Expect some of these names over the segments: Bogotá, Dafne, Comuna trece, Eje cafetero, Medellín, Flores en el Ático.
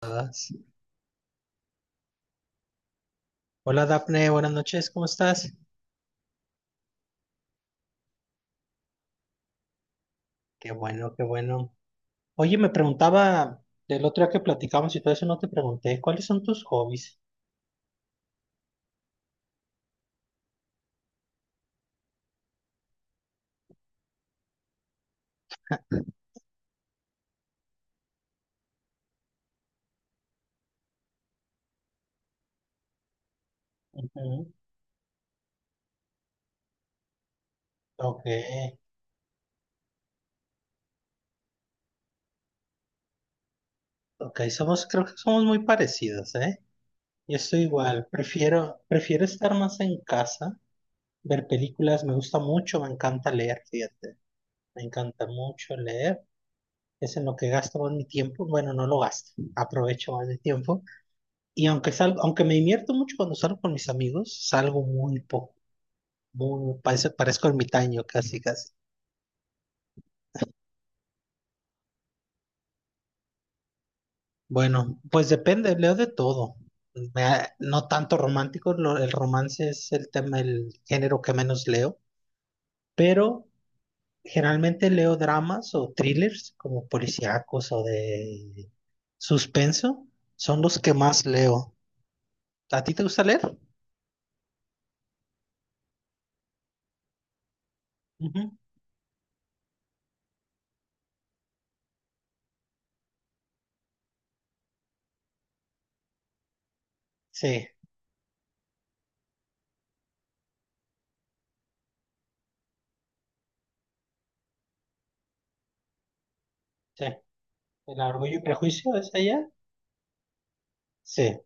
Todas. Hola Dafne, buenas noches, ¿cómo estás? Qué bueno, qué bueno. Oye, me preguntaba del otro día que platicamos y todo eso no te pregunté, ¿cuáles son tus hobbies? Ujú. Ok, ok, somos, creo que somos muy parecidos, ¿eh? Yo estoy igual, prefiero estar más en casa, ver películas, me gusta mucho, me encanta leer, fíjate, me encanta mucho leer, es en lo que gasto más mi tiempo, bueno, no lo gasto, aprovecho más mi tiempo. Y aunque salgo, aunque me divierto mucho cuando salgo con mis amigos, salgo muy poco, parezco ermitaño casi, casi. Bueno, pues depende, leo de todo. No tanto romántico, el romance es el tema, el género que menos leo, pero generalmente leo dramas o thrillers como policíacos o de suspenso, son los que más leo. ¿A ti te gusta leer? Ujú. Sí, sí. ¿El orgullo y prejuicio es allá? Sí.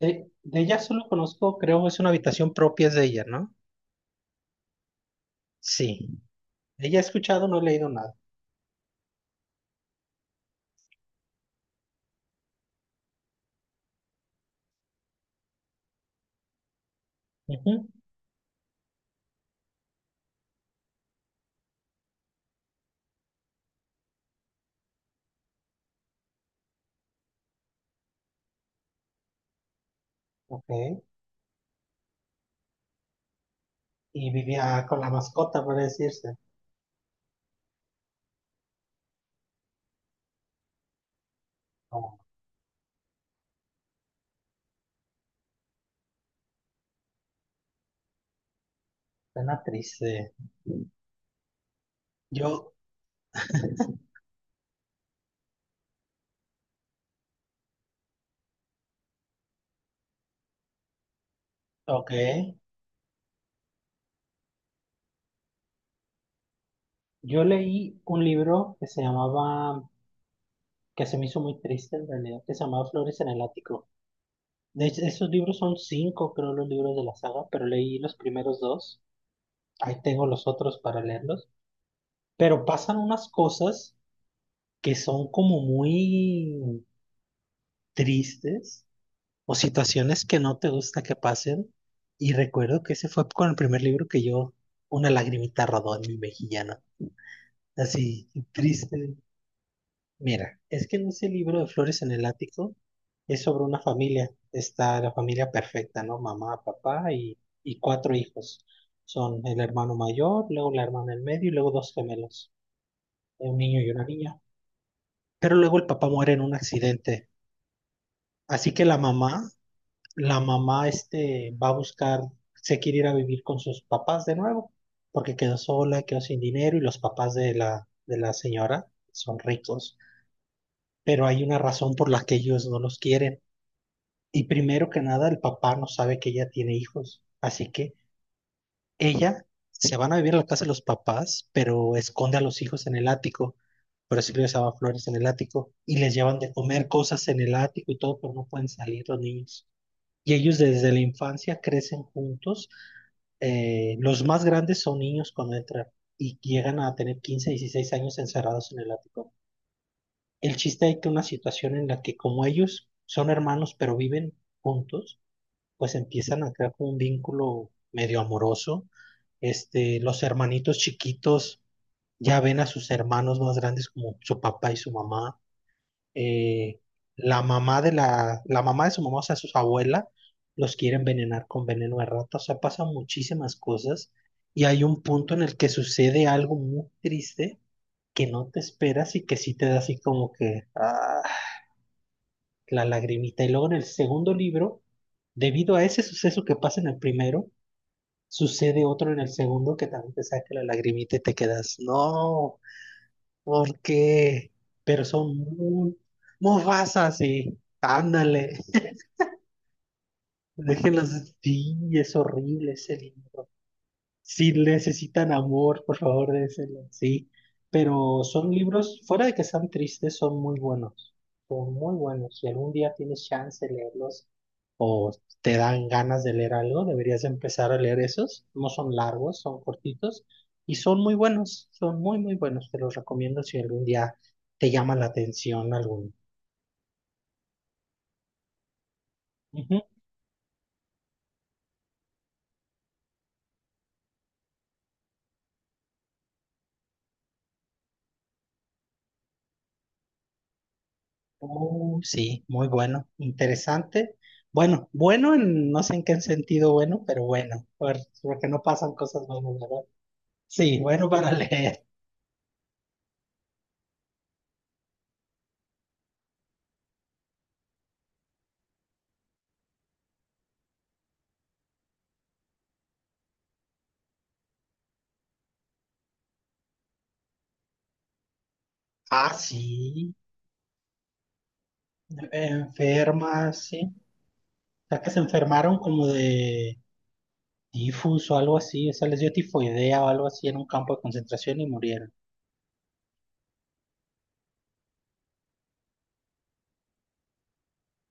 De ella solo conozco, creo, es una habitación propia es de ella, ¿no? Sí. De ella he escuchado, no he leído nada. Ujú. Ok. Y vivía con la mascota, por decirse. Como pena triste. Yo, ok. Yo leí un libro que se llamaba, que se me hizo muy triste en realidad, que se llamaba Flores en el Ático. De hecho, esos libros son cinco, creo, los libros de la saga, pero leí los primeros dos. Ahí tengo los otros para leerlos. Pero pasan unas cosas que son como muy tristes o situaciones que no te gusta que pasen. Y recuerdo que ese fue con el primer libro que yo, una lagrimita rodó en mi mejillana, así triste. Mira, es que en ese libro de Flores en el Ático es sobre una familia, está la familia perfecta, ¿no? Mamá, papá y cuatro hijos. Son el hermano mayor, luego la hermana del medio y luego dos gemelos, un niño y una niña. Pero luego el papá muere en un accidente, así que la mamá va a buscar, se quiere ir a vivir con sus papás de nuevo, porque quedó sola, quedó sin dinero y los papás de la señora son ricos, pero hay una razón por la que ellos no los quieren. Y primero que nada, el papá no sabe que ella tiene hijos, así que ella se van a vivir a la casa de los papás, pero esconde a los hijos en el ático. Por eso les daba flores en el ático y les llevan de comer cosas en el ático y todo, pero no pueden salir los niños. Y ellos desde la infancia crecen juntos. Los más grandes son niños cuando entran y llegan a tener 15, 16 años encerrados en el ático. El chiste es que una situación en la que como ellos son hermanos pero viven juntos, pues empiezan a crear como un vínculo medio amoroso. Los hermanitos chiquitos ya ven a sus hermanos más grandes como su papá y su mamá, eh, la mamá la mamá de su mamá, o sea, sus abuelas, los quiere envenenar con veneno de rata, o sea, pasan muchísimas cosas y hay un punto en el que sucede algo muy triste que no te esperas y que sí te da así como que ah, la lagrimita. Y luego en el segundo libro, debido a ese suceso que pasa en el primero, sucede otro en el segundo que también te saca la lagrimita y te quedas, no, ¿por qué? Pero son muy, muy fasas y ándale. Déjenlos, sí, es horrible ese libro. Si necesitan amor, por favor, déjenlo, sí. Pero son libros, fuera de que sean tristes, son muy buenos, son muy buenos. Si algún día tienes chance de leerlos o te dan ganas de leer algo, deberías empezar a leer esos. No son largos, son cortitos y son muy buenos, son muy, muy buenos. Te los recomiendo si algún día te llama la atención alguno. Ujú. Oh, sí, muy bueno, interesante. Bueno, bueno en no sé en qué sentido bueno, pero bueno, porque no pasan cosas buenas, ¿verdad? Sí, bueno para leer. Ah, sí, enfermas, sí. O sea, que se enfermaron como de tifus o algo así, o sea, les dio tifoidea o algo así en un campo de concentración y murieron.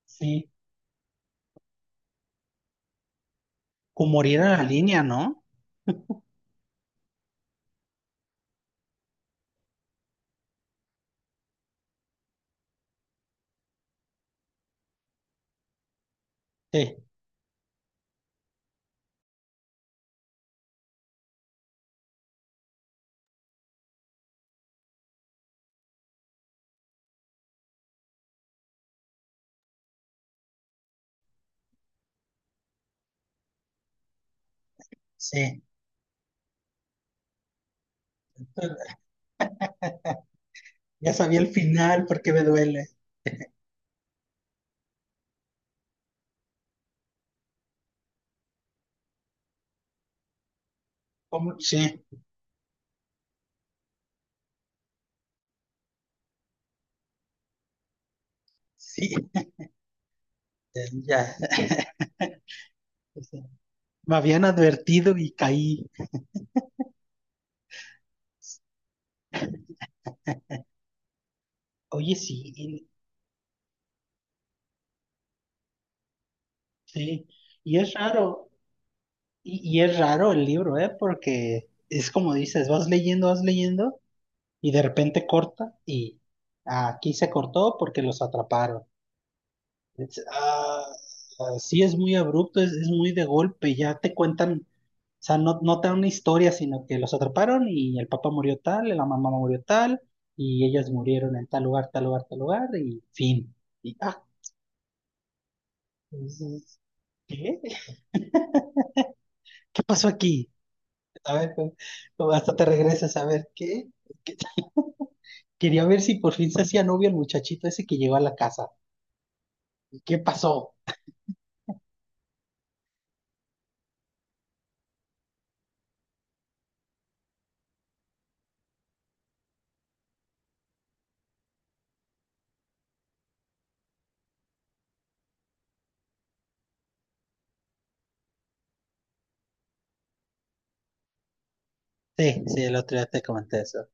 Sí, o morir en la línea, ¿no? Sí, sí. Ya sabía el final porque me duele. ¿Cómo? Sí, sí, ya. Este, me habían advertido y caí. Oye, sí, y- sí. Y es raro, y es raro el libro, ¿eh? Porque es como dices, vas leyendo, y de repente corta, y aquí se cortó porque los atraparon. Es- ah, ah, sí, es muy abrupto, es muy de golpe, ya te cuentan, o sea, no, no te dan una historia, sino que los atraparon y el papá murió tal, la mamá murió tal, y ellas murieron en tal lugar, tal lugar, tal lugar, y fin. Y, ah, mm, ¿qué? ¿Qué pasó aquí? A ver, pues, no, hasta te regresas a ver qué. ¿Qué? Quería ver si por fin se hacía novio el muchachito ese que llegó a la casa. ¿Qué pasó? Sí, sí, el otro día te comenté eso.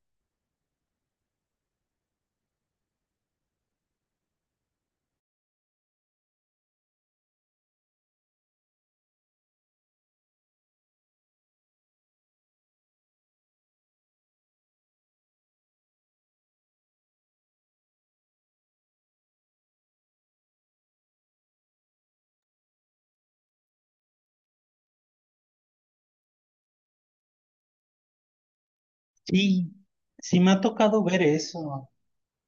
Sí, sí me ha tocado ver eso.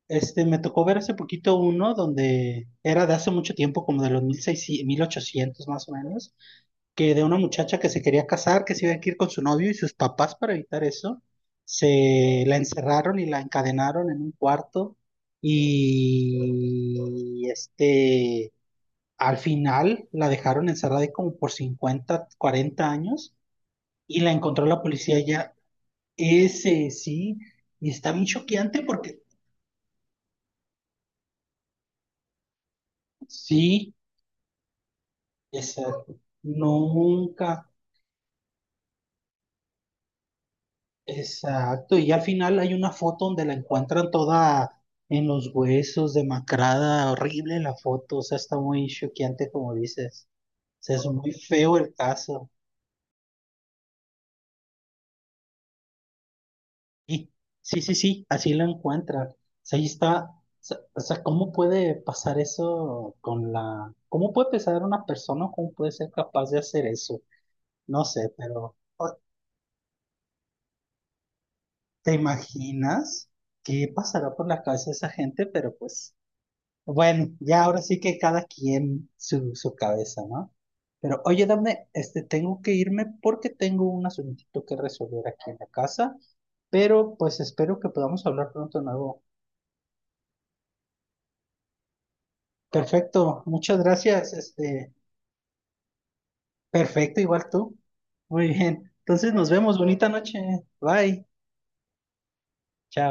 Este, me tocó ver hace poquito uno donde era de hace mucho tiempo, como de los 1600, 1800 más o menos, que de una muchacha que se quería casar, que se iba a ir con su novio y sus papás para evitar eso, se la encerraron y la encadenaron en un cuarto y este, al final la dejaron encerrada ahí como por 50, 40 años y la encontró la policía ya, ese sí, y está bien choqueante porque sí, exacto nunca. Exacto, y al final hay una foto donde la encuentran toda en los huesos, demacrada, horrible la foto, o sea, está muy choqueante como dices. O sea, es muy feo el caso. Y sí, sí, sí, así la encuentran. O sea, ahí está. O sea, ¿cómo puede pasar eso con la... ¿Cómo puede pensar una persona? ¿Cómo puede ser capaz de hacer eso? No sé, pero o- ¿te imaginas qué pasará por la cabeza de esa gente? Pero pues... Bueno, ya ahora sí que cada quien su, su cabeza, ¿no? Pero oye, dame, este, tengo que irme porque tengo un asuntito que resolver aquí en la casa, pero pues espero que podamos hablar pronto de nuevo. Perfecto, muchas gracias, este, perfecto, igual tú. Muy bien, entonces nos vemos, bonita noche, bye, chao.